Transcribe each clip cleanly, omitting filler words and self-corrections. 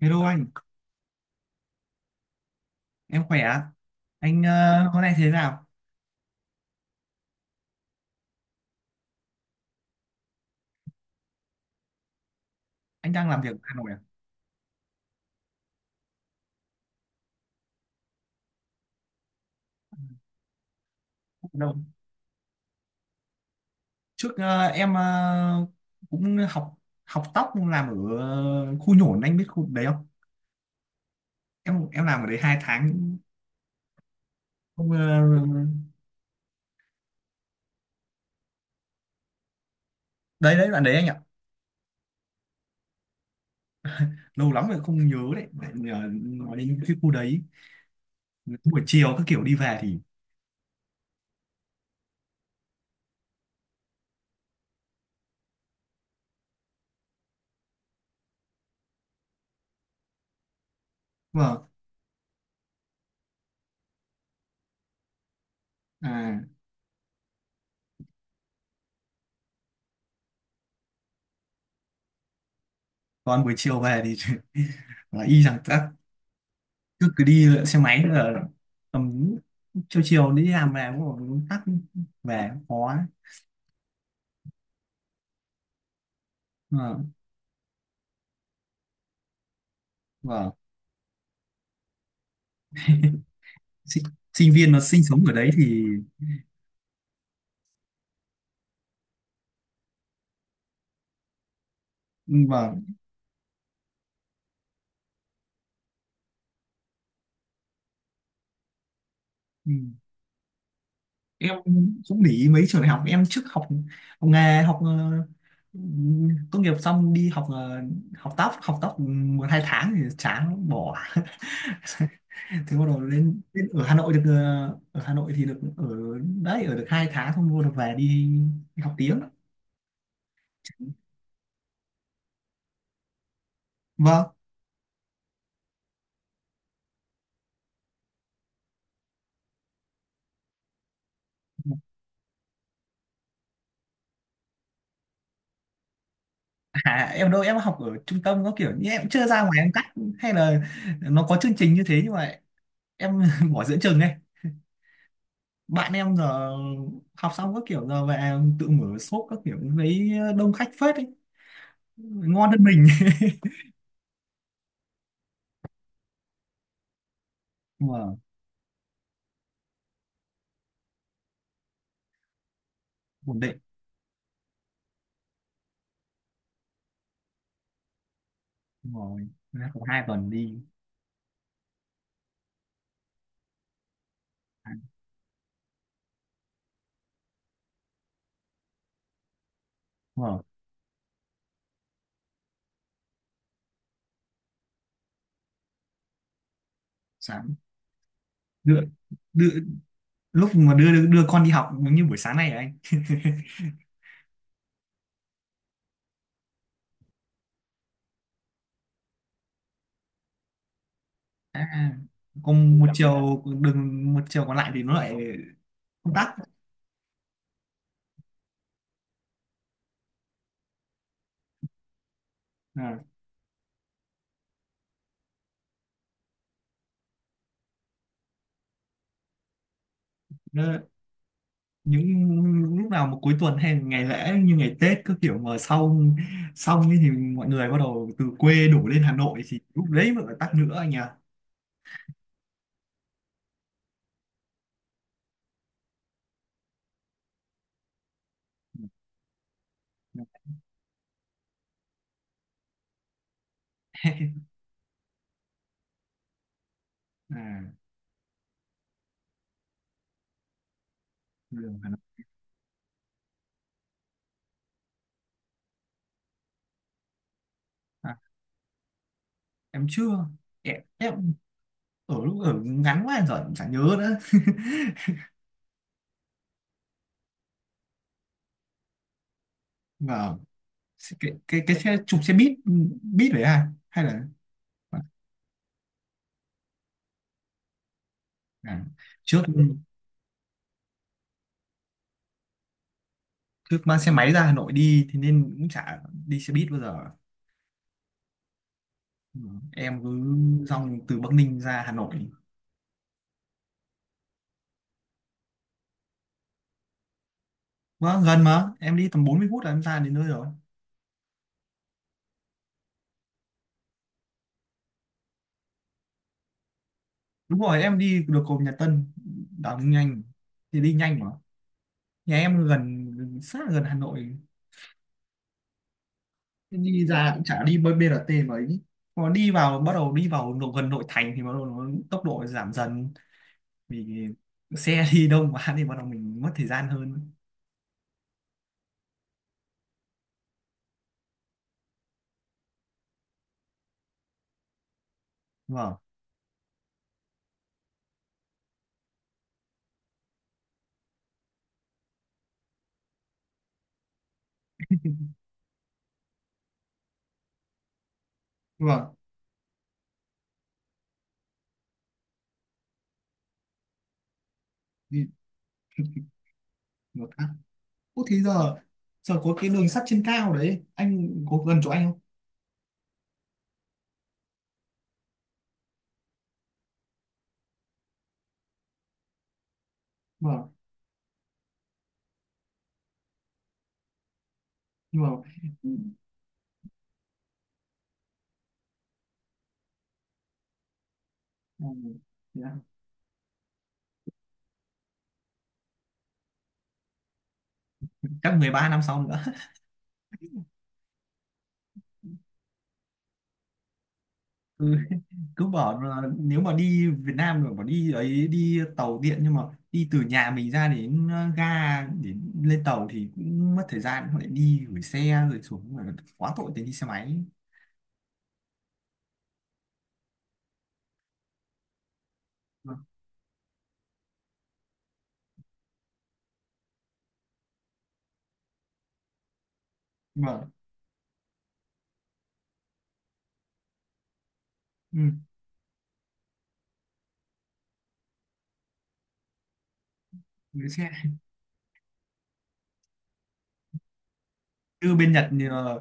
Hello anh, em khỏe ạ. Anh hôm nay thế nào? Anh đang làm việc ở Hà Nội à? Không đâu? Trước em cũng học học tóc làm ở khu nhổn, anh biết khu đấy không? Em làm ở đấy 2 tháng. Không đấy đấy bạn đấy anh ạ. Lâu lắm rồi không nhớ đấy. Tại vì, nói đến cái khu đấy buổi chiều các kiểu đi về thì vâng, à, còn buổi chiều về thì là y rằng tắc, cứ cứ đi xe máy là tầm chiều chiều đi làm về cũng còn tắc, về khó. Ờ, vâng. Sinh, sinh viên nó sinh sống ở đấy thì vâng, ừ. Em cũng để ý mấy trường đại học. Em trước học học nghề, học tốt nghiệp xong đi học học tóc, học tóc 1 2 tháng thì chán bỏ. Thế bắt đầu lên, lên ở Hà Nội được ở Hà Nội thì được ở đấy, ở được 2 tháng xong bắt đầu về đi, đi học tiếng. Vâng. À, em đâu, em học ở trung tâm có kiểu như em chưa ra ngoài em cắt, hay là nó có chương trình như thế nhưng mà em bỏ giữa chừng này. Bạn em giờ học xong các kiểu giờ về tự mở shop các kiểu, lấy đông khách phết ấy, ngon hơn mình. Mà ổn định rồi, ra khoảng 2 tuần đi. Mở sáng, đưa, đưa, lúc mà đưa đưa con đi học giống như buổi sáng này rồi anh. À, còn một chiều đường, một chiều còn lại thì nó lại công tác. À, những lúc nào mà cuối tuần hay ngày lễ như ngày Tết cứ kiểu mà xong xong ấy thì mọi người bắt đầu từ quê đổ lên Hà Nội thì lúc đấy mới phải tắc nữa anh nhỉ. À, đường Hà Nội. À, em chưa. Em ở lúc ở ngắn quá rồi em chẳng nhớ nữa. Và cái xe chụp xe buýt, buýt đấy à hay là à, trước trước mang xe máy ra Hà Nội đi thì nên cũng chả đi xe buýt bao giờ. Ừ, em cứ dòng từ Bắc Ninh ra Hà Nội. Vâng, gần mà. Em đi tầm 40 phút là em ra đến nơi rồi. Đúng rồi, em đi được cầu Nhật Tân. Đảo nhanh. Thì đi nhanh mà. Nhà em gần, sát là gần Hà Nội. Đi ra cũng chả đi bơi BRT mà ấy. Còn đi vào, bắt đầu đi vào nội- gần nội thành thì bắt đầu nó tốc độ giảm dần. Vì xe đi đông quá thì bắt đầu mình mất thời gian hơn. Vâng, vâng. Đi một phát. Ủa thế giờ, giờ có cái đường sắt trên cao đấy. Anh có gần chỗ anh không? Vâng, nhưng mà... Ừ. Chắc 13 năm sau nữa. Ừ. Cứ bảo là nếu mà đi Việt Nam rồi bảo đi ấy đi tàu điện nhưng mà đi từ nhà mình ra đến ga để lên tàu thì cũng mất thời gian, họ lại đi gửi xe rồi xuống rồi quá tội thì đi xe máy. Vâng. Nhưng mà ừ, gửi xe như bên Nhật như, là-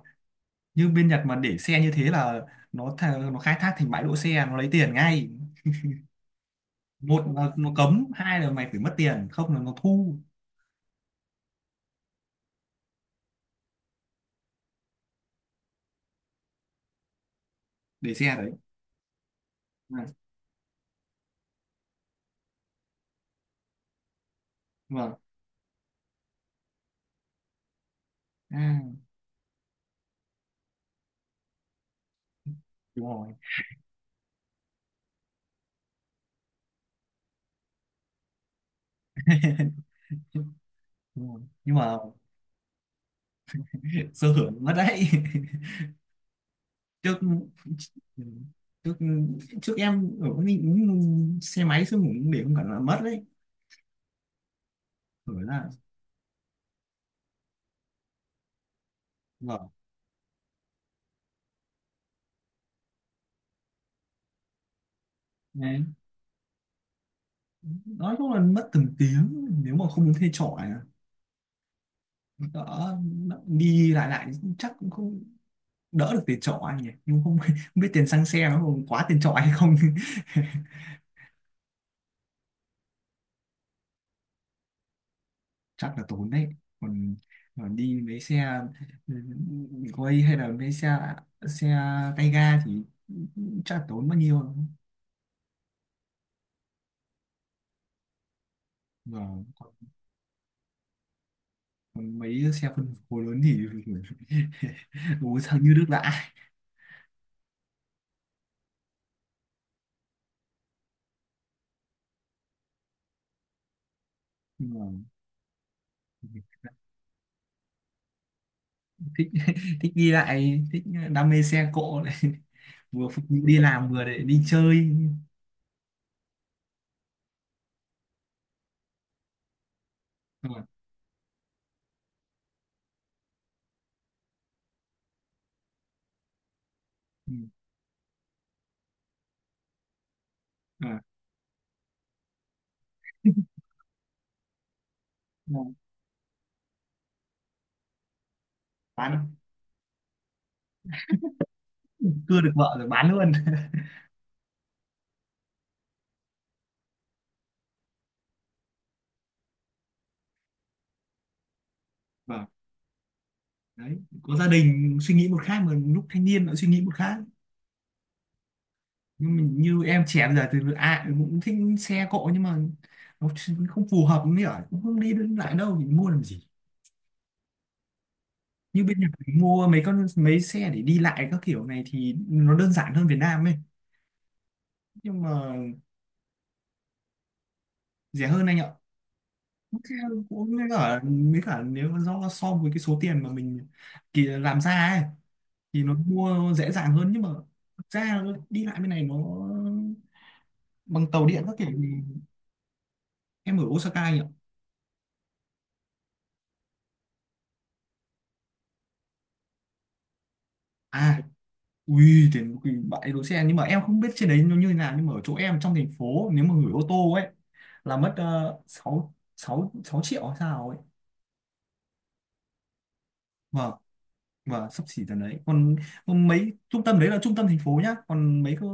như bên Nhật mà để xe như thế là nó tha- nó khai thác thành bãi đỗ xe, nó lấy tiền ngay. Một là nó cấm, hai là mày phải mất tiền, không là nó thu để xe đấy. Vâng. Vâng. À, đúng rồi. Đúng rồi. Nhưng mà sơ hở mất đấy. Trước, ừ, trước trước em ở cái xe máy xong cũng để không cẩn là mất đấy rồi là vâng đấy. Nói chung là mất từng tiếng nếu mà không thuê trọ này, đỡ đi lại lại chắc cũng không đỡ được tiền trọ anh nhỉ, nhưng không, không biết tiền xăng xe nó còn quá tiền trọ hay không. Chắc là tốn đấy. Còn, còn đi mấy xe quay hay là mấy xe xe tay ga thì chắc là tốn bao nhiêu. Và còn, còn mấy xe phân khối lớn thì bố sang như nước lã. Nhưng mà thích đi lại, thích đam mê xe cộ này vừa phục vụ đi làm vừa để đi chơi. Đúng rồi. Ừ. À, đúng rồi. Bán, cưa được vợ rồi bán luôn. Vâng, đấy, có gia đình suy nghĩ một khác mà lúc thanh niên lại suy nghĩ một khác. Nhưng mình như em trẻ bây giờ thì ai cũng thích xe cộ nhưng mà nó ch- không phù hợp, mới ở cũng không đi đến lại đâu thì mua làm gì. Như bên Nhật thì mua mấy con mấy xe để đi lại các kiểu này thì nó đơn giản hơn Việt Nam ấy. Nhưng mà rẻ hơn anh ạ. Xe cũng mới cả, mới cả nếu mà do so với cái số tiền mà mình kỳ làm ra ấy thì nó mua dễ dàng hơn nhưng mà thực ra nó đi lại bên này nó bằng tàu điện các kiểu thì em ở Osaka nhỉ. À. Ui, tiền quỳ bãi đỗ xe, nhưng mà em không biết trên đấy nó như thế nào nhưng mà ở chỗ em trong thành phố nếu mà gửi ô tô ấy là mất 6 6 6 triệu hay sao ấy. Vâng, vâng, sắp xỉ tầm đấy. Còn, còn mấy trung tâm đấy là trung tâm thành phố nhá, còn mấy cái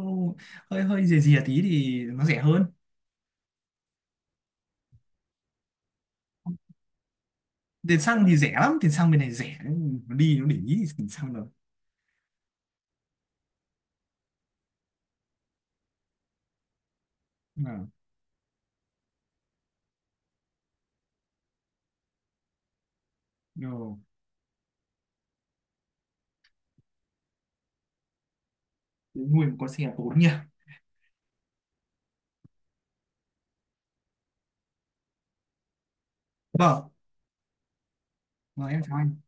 hơi hơi rìa rìa tí thì nó rẻ hơn. Tiền xăng thì rẻ lắm, tiền xăng bên này rẻ, nó đi nó để ý thì tiền xăng rồi. À, rồi. Nuôi một con xe tốn nhỉ. Vâng, vâng em chào anh.